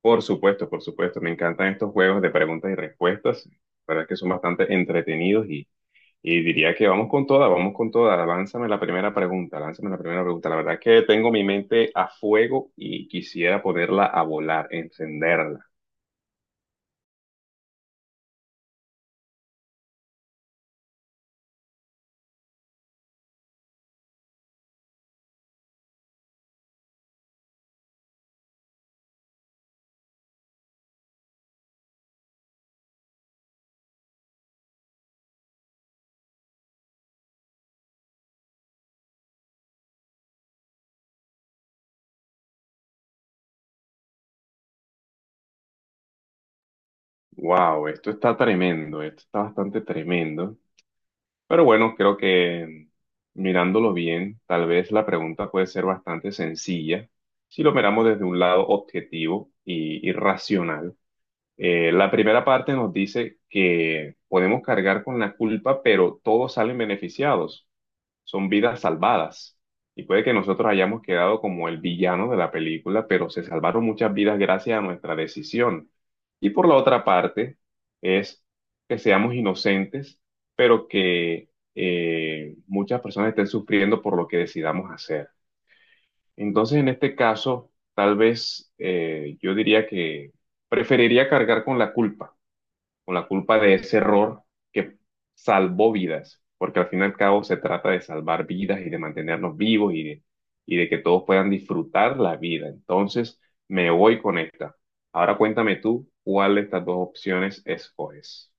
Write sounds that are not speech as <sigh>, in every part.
Por supuesto, por supuesto. Me encantan estos juegos de preguntas y respuestas. La verdad es que son bastante entretenidos y diría que vamos con toda, vamos con toda. Lánzame la primera pregunta, lánzame la primera pregunta. La verdad es que tengo mi mente a fuego y quisiera ponerla a volar, encenderla. Wow, esto está tremendo, esto está bastante tremendo. Pero bueno, creo que mirándolo bien, tal vez la pregunta puede ser bastante sencilla si lo miramos desde un lado objetivo y, irracional. La primera parte nos dice que podemos cargar con la culpa, pero todos salen beneficiados. Son vidas salvadas. Y puede que nosotros hayamos quedado como el villano de la película, pero se salvaron muchas vidas gracias a nuestra decisión. Y por la otra parte, es que seamos inocentes, pero que muchas personas estén sufriendo por lo que decidamos hacer. Entonces, en este caso, tal vez yo diría que preferiría cargar con la culpa o la culpa de ese error que salvó vidas, porque al fin y al cabo se trata de salvar vidas y de mantenernos vivos y de que todos puedan disfrutar la vida. Entonces, me voy con esta. Ahora cuéntame tú cuál de estas dos opciones escoges.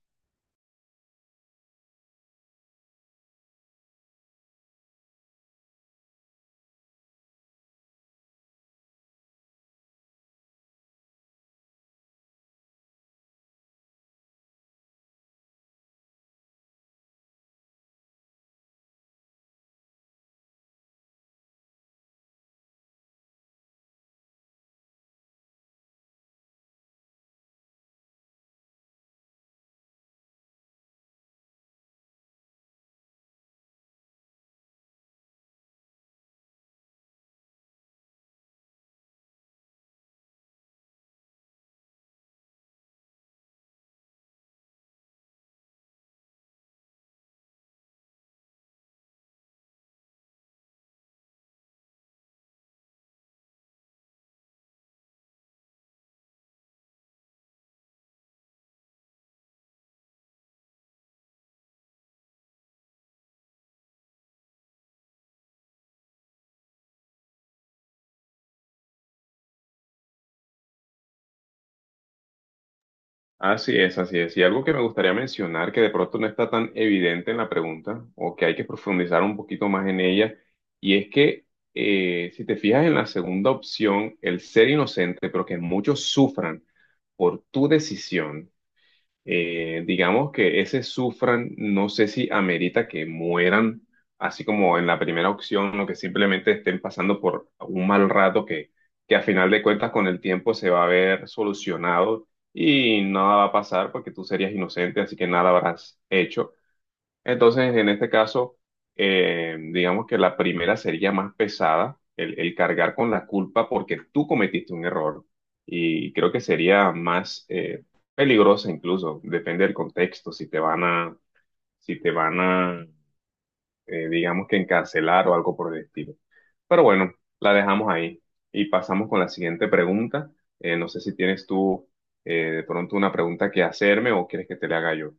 Así es, así es. Y algo que me gustaría mencionar, que de pronto no está tan evidente en la pregunta, o que hay que profundizar un poquito más en ella, y es que si te fijas en la segunda opción, el ser inocente, pero que muchos sufran por tu decisión, digamos que ese sufran, no sé si amerita que mueran, así como en la primera opción, o que simplemente estén pasando por un mal rato que a final de cuentas con el tiempo se va a ver solucionado y nada va a pasar porque tú serías inocente, así que nada habrás hecho. Entonces, en este caso, digamos que la primera sería más pesada, el cargar con la culpa porque tú cometiste un error y creo que sería más peligrosa incluso, depende del contexto, si te van a, digamos que encarcelar o algo por el estilo. Pero bueno, la dejamos ahí y pasamos con la siguiente pregunta. No sé si tienes tú de pronto una pregunta que hacerme o quieres que te la haga yo.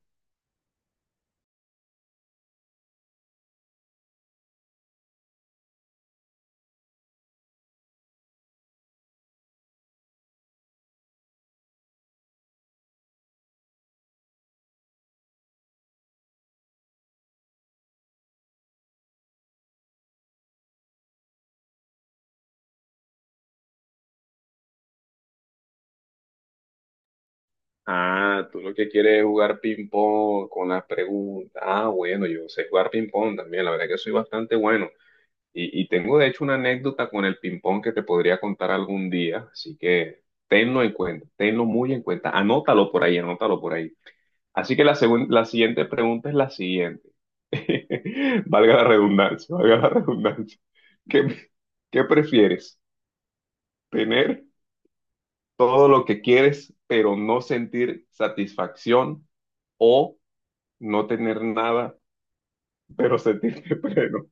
Ah, tú lo que quieres es jugar ping-pong con las preguntas. Ah, bueno, yo sé jugar ping-pong también, la verdad que soy bastante bueno. Y tengo de hecho una anécdota con el ping-pong que te podría contar algún día, así que tenlo en cuenta, tenlo muy en cuenta. Anótalo por ahí, anótalo por ahí. Así que la siguiente pregunta es la siguiente. <laughs> Valga la redundancia, valga la redundancia. ¿Qué, ¿qué prefieres? ¿Tener todo lo que quieres, pero no sentir satisfacción o no tener nada, pero sentirte <laughs> pleno?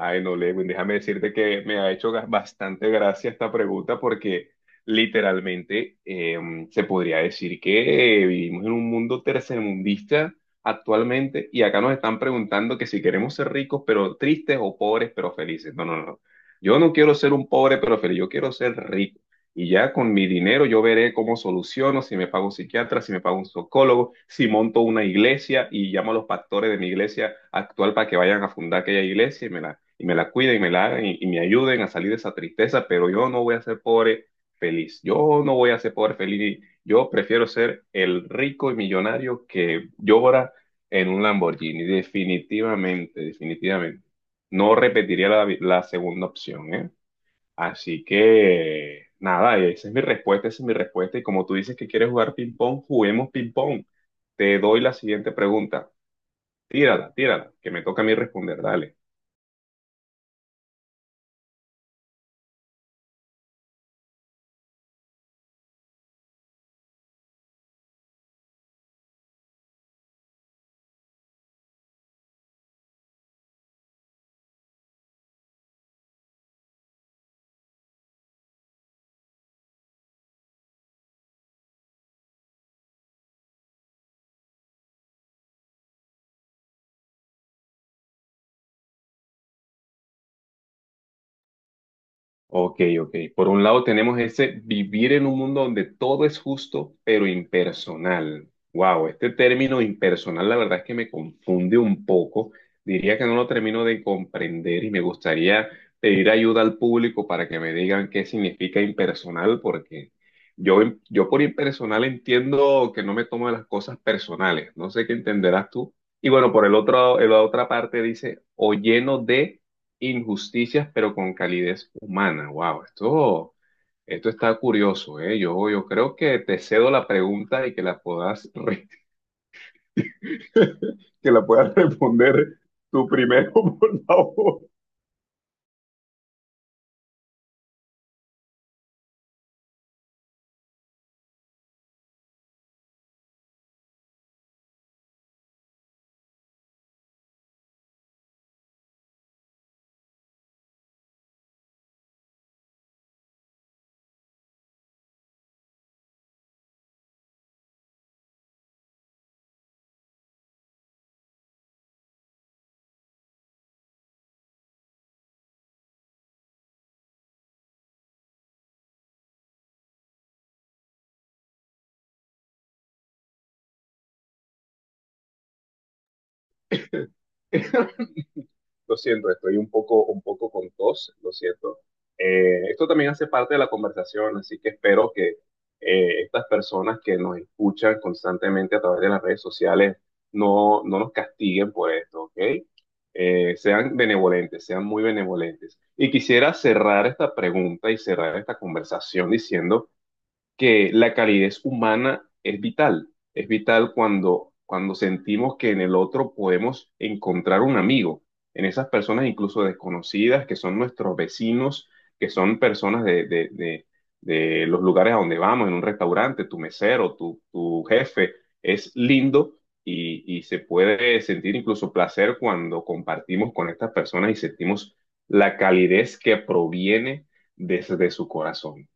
Ay, no, Lewin, déjame decirte que me ha hecho bastante gracia esta pregunta porque literalmente se podría decir que vivimos en un mundo tercermundista actualmente y acá nos están preguntando que si queremos ser ricos pero tristes o pobres pero felices. No, no, no. Yo no quiero ser un pobre pero feliz, yo quiero ser rico. Y ya con mi dinero yo veré cómo soluciono, si me pago un psiquiatra, si me pago un psicólogo, si monto una iglesia y llamo a los pastores de mi iglesia actual para que vayan a fundar aquella iglesia y y me la cuiden y me la hagan y me ayuden a salir de esa tristeza, pero yo no voy a ser pobre feliz. Yo no voy a ser pobre feliz. Yo prefiero ser el rico y millonario que llora en un Lamborghini. Definitivamente, definitivamente. No repetiría la segunda opción, ¿eh? Así que nada, y esa es mi respuesta, esa es mi respuesta. Y como tú dices que quieres jugar ping-pong, juguemos ping-pong. Te doy la siguiente pregunta. Tírala, tírala, que me toca a mí responder. Dale. Ok, ok. Por un lado tenemos ese vivir en un mundo donde todo es justo, pero impersonal. Wow, este término impersonal la verdad es que me confunde un poco. Diría que no lo termino de comprender y me gustaría pedir ayuda al público para que me digan qué significa impersonal, porque yo, yo por impersonal entiendo que no me tomo las cosas personales. No sé qué entenderás tú. Y bueno, por el otro, la otra parte dice, o lleno de injusticias, pero con calidez humana. Wow, esto está curioso, ¿eh? Yo creo que te cedo la pregunta y que la puedas, <laughs> que la puedas <laughs> responder tú primero, <laughs> por favor. <laughs> Lo siento, estoy un poco con tos, lo siento. Esto también hace parte de la conversación, así que espero que estas personas que nos escuchan constantemente a través de las redes sociales no nos castiguen por esto, ¿ok? Sean benevolentes, sean muy benevolentes. Y quisiera cerrar esta pregunta y cerrar esta conversación diciendo que la calidez humana es vital. Es vital cuando, cuando sentimos que en el otro podemos encontrar un amigo, en esas personas incluso desconocidas, que son nuestros vecinos, que son personas de los lugares a donde vamos, en un restaurante, tu mesero, tu jefe, es lindo. Y se puede sentir incluso placer cuando compartimos con estas personas y sentimos la calidez que proviene desde su corazón.